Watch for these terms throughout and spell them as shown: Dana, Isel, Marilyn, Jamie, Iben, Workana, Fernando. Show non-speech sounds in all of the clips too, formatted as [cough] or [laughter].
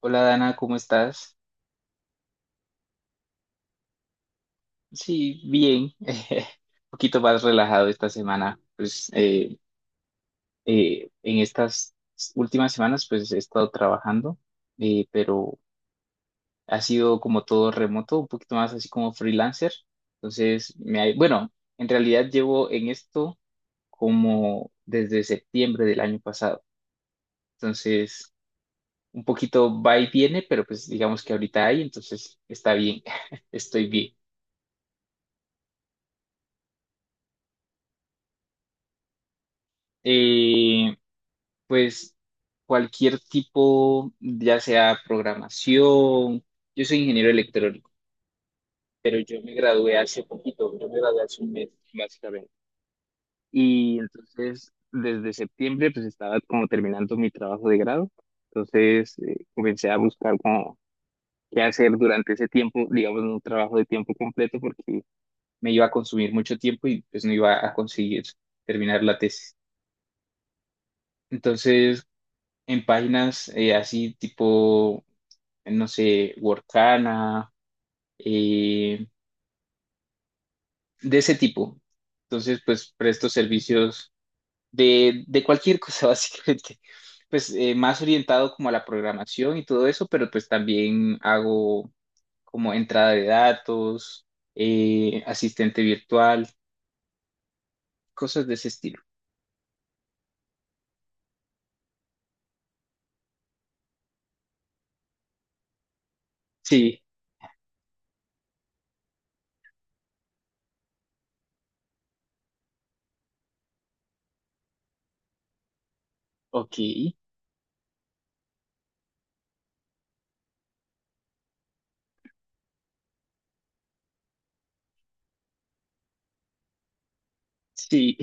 Hola Dana, ¿cómo estás? Sí, bien, [laughs] un poquito más relajado esta semana. Pues en estas últimas semanas pues he estado trabajando, pero ha sido como todo remoto, un poquito más así como freelancer. Entonces, bueno, en realidad llevo en esto como desde septiembre del año pasado. Entonces, un poquito va y viene, pero pues digamos que ahorita hay, entonces está bien, [laughs] estoy bien. Eh, pues cualquier tipo, ya sea programación, yo soy ingeniero electrónico, pero yo me gradué hace poquito, yo me gradué hace un mes, básicamente. Y entonces, desde septiembre, pues estaba como terminando mi trabajo de grado, entonces comencé a buscar como qué hacer durante ese tiempo, digamos, un trabajo de tiempo completo, porque me iba a consumir mucho tiempo y pues no iba a conseguir terminar la tesis. Entonces, en páginas así tipo no sé, Workana, eh, de ese tipo. Entonces, pues presto servicios de cualquier cosa, [laughs] básicamente. Pues más orientado como a la programación y todo eso, pero pues también hago como entrada de datos, asistente virtual, cosas de ese estilo. Sí, ok, sí,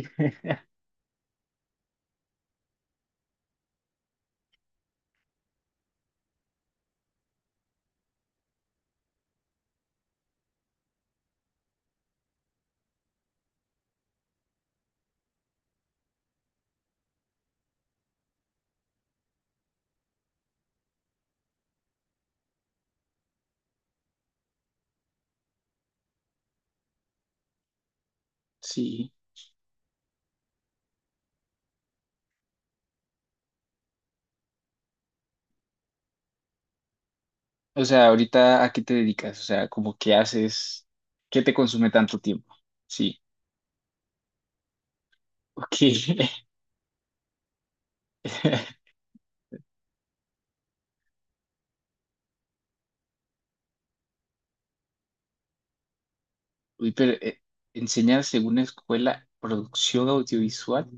sí. O sea, ahorita, ¿a qué te dedicas? O sea, como qué haces, qué te consume tanto tiempo. Sí, ok. [laughs] Uy, pero enseñan según una escuela producción audiovisual.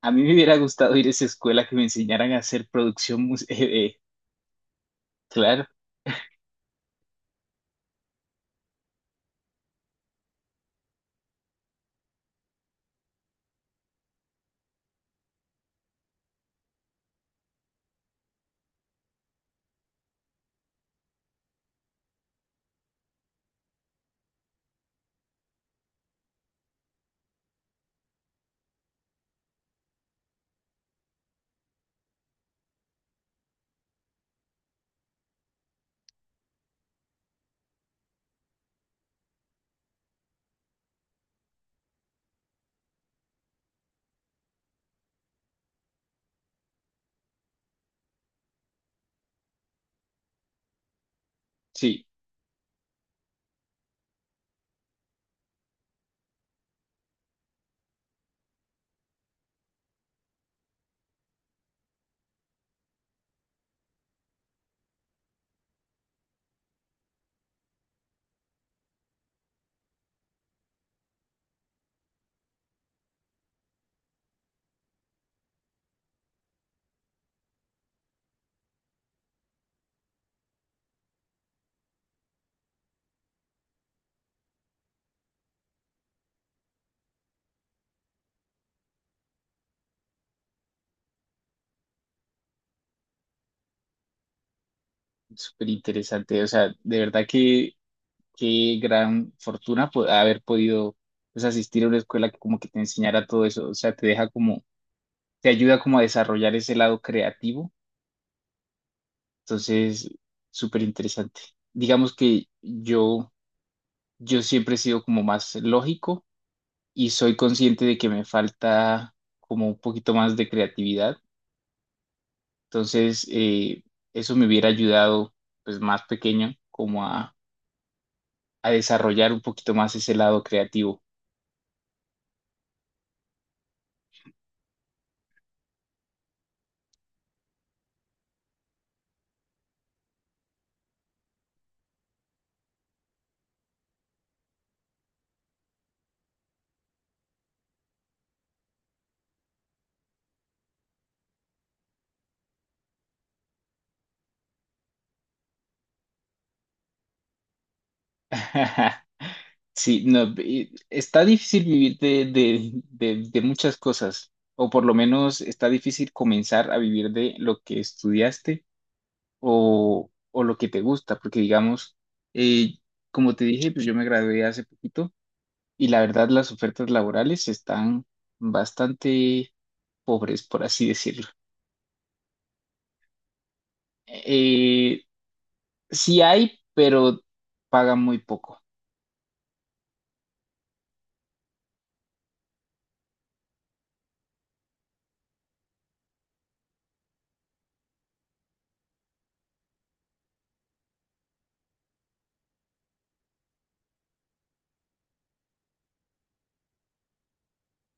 A mí me hubiera gustado ir a esa escuela que me enseñaran a hacer producción [laughs] eh, claro, sí, súper interesante. O sea, de verdad que qué gran fortuna haber podido pues, asistir a una escuela que como que te enseñara todo eso. O sea, te ayuda como a desarrollar ese lado creativo. Entonces, súper interesante. Digamos que yo siempre he sido como más lógico y soy consciente de que me falta como un poquito más de creatividad. Entonces, eso me hubiera ayudado, pues más pequeño, como a desarrollar un poquito más ese lado creativo. [laughs] Sí, no, está difícil vivir de muchas cosas, o por lo menos está difícil comenzar a vivir de lo que estudiaste o lo que te gusta, porque digamos, eh, como te dije, pues yo me gradué hace poquito. Y la verdad, las ofertas laborales están bastante pobres, por así decirlo. Eh, sí hay, pero pagan muy poco.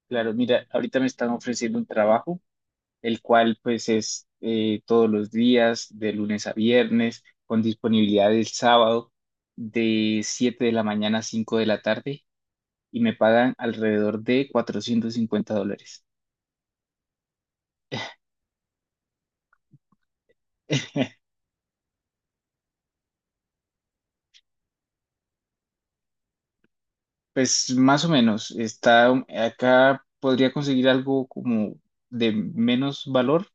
Claro, mira, ahorita me están ofreciendo un trabajo, el cual pues es todos los días, de lunes a viernes, con disponibilidad el sábado, de 7 de la mañana a 5 de la tarde, y me pagan alrededor de 450 dólares. [laughs] Pues más o menos, está acá podría conseguir algo como de menos valor,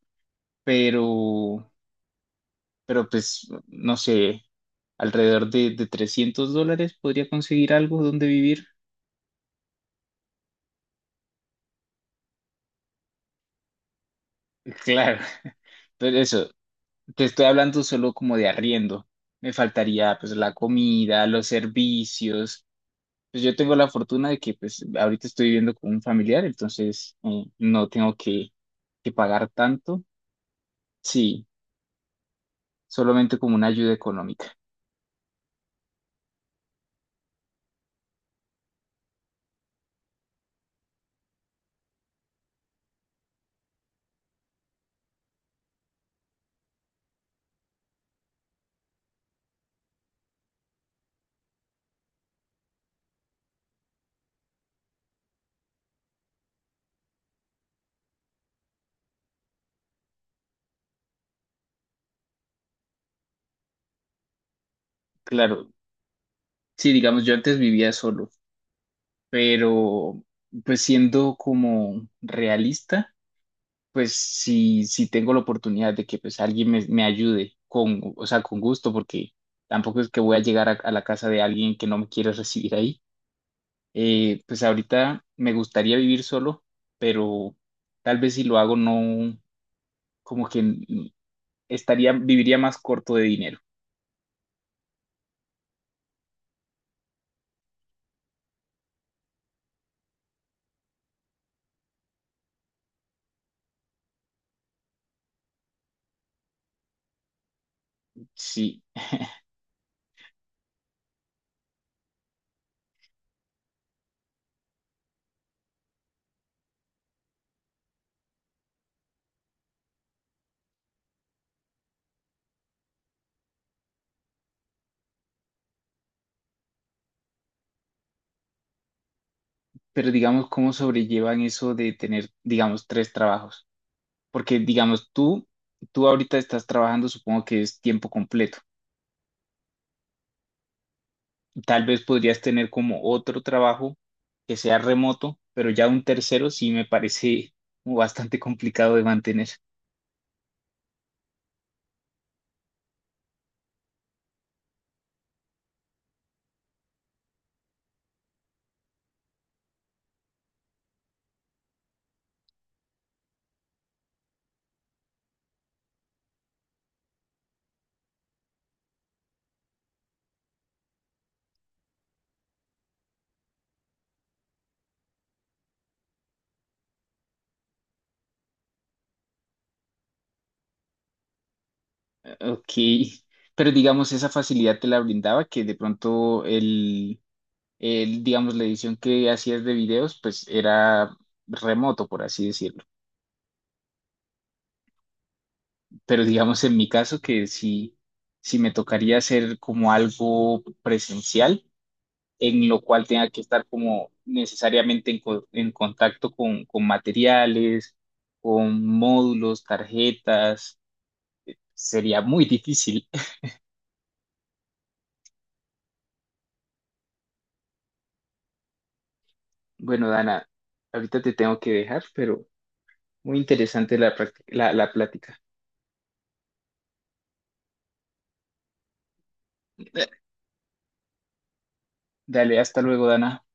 pero, pero pues no sé, alrededor de 300 dólares podría conseguir algo donde vivir. Claro, [laughs] pero eso, te estoy hablando solo como de arriendo. Me faltaría pues la comida, los servicios. Pues yo tengo la fortuna de que pues ahorita estoy viviendo con un familiar, entonces no tengo que, pagar tanto. Sí, solamente como una ayuda económica. Claro, sí, digamos, yo antes vivía solo, pero pues siendo como realista, pues si tengo la oportunidad de que pues alguien me ayude con, o sea, con gusto, porque tampoco es que voy a llegar a la casa de alguien que no me quiere recibir ahí. Pues ahorita me gustaría vivir solo, pero tal vez si lo hago no, como que estaría, viviría más corto de dinero. Sí. Pero digamos, ¿cómo sobrellevan eso de tener, digamos, tres trabajos? Porque, digamos, tú ahorita estás trabajando, supongo que es tiempo completo. Tal vez podrías tener como otro trabajo que sea remoto, pero ya un tercero sí me parece como bastante complicado de mantener. Ok, pero digamos, esa facilidad te la brindaba que de pronto el, digamos, la edición que hacías de videos, pues era remoto, por así decirlo. Pero digamos en mi caso que sí, sí me tocaría hacer como algo presencial, en lo cual tenga que estar como necesariamente en contacto con materiales, con módulos, tarjetas, sería muy difícil. [laughs] Bueno, Dana, ahorita te tengo que dejar, pero muy interesante la plática. Dale, hasta luego, Dana.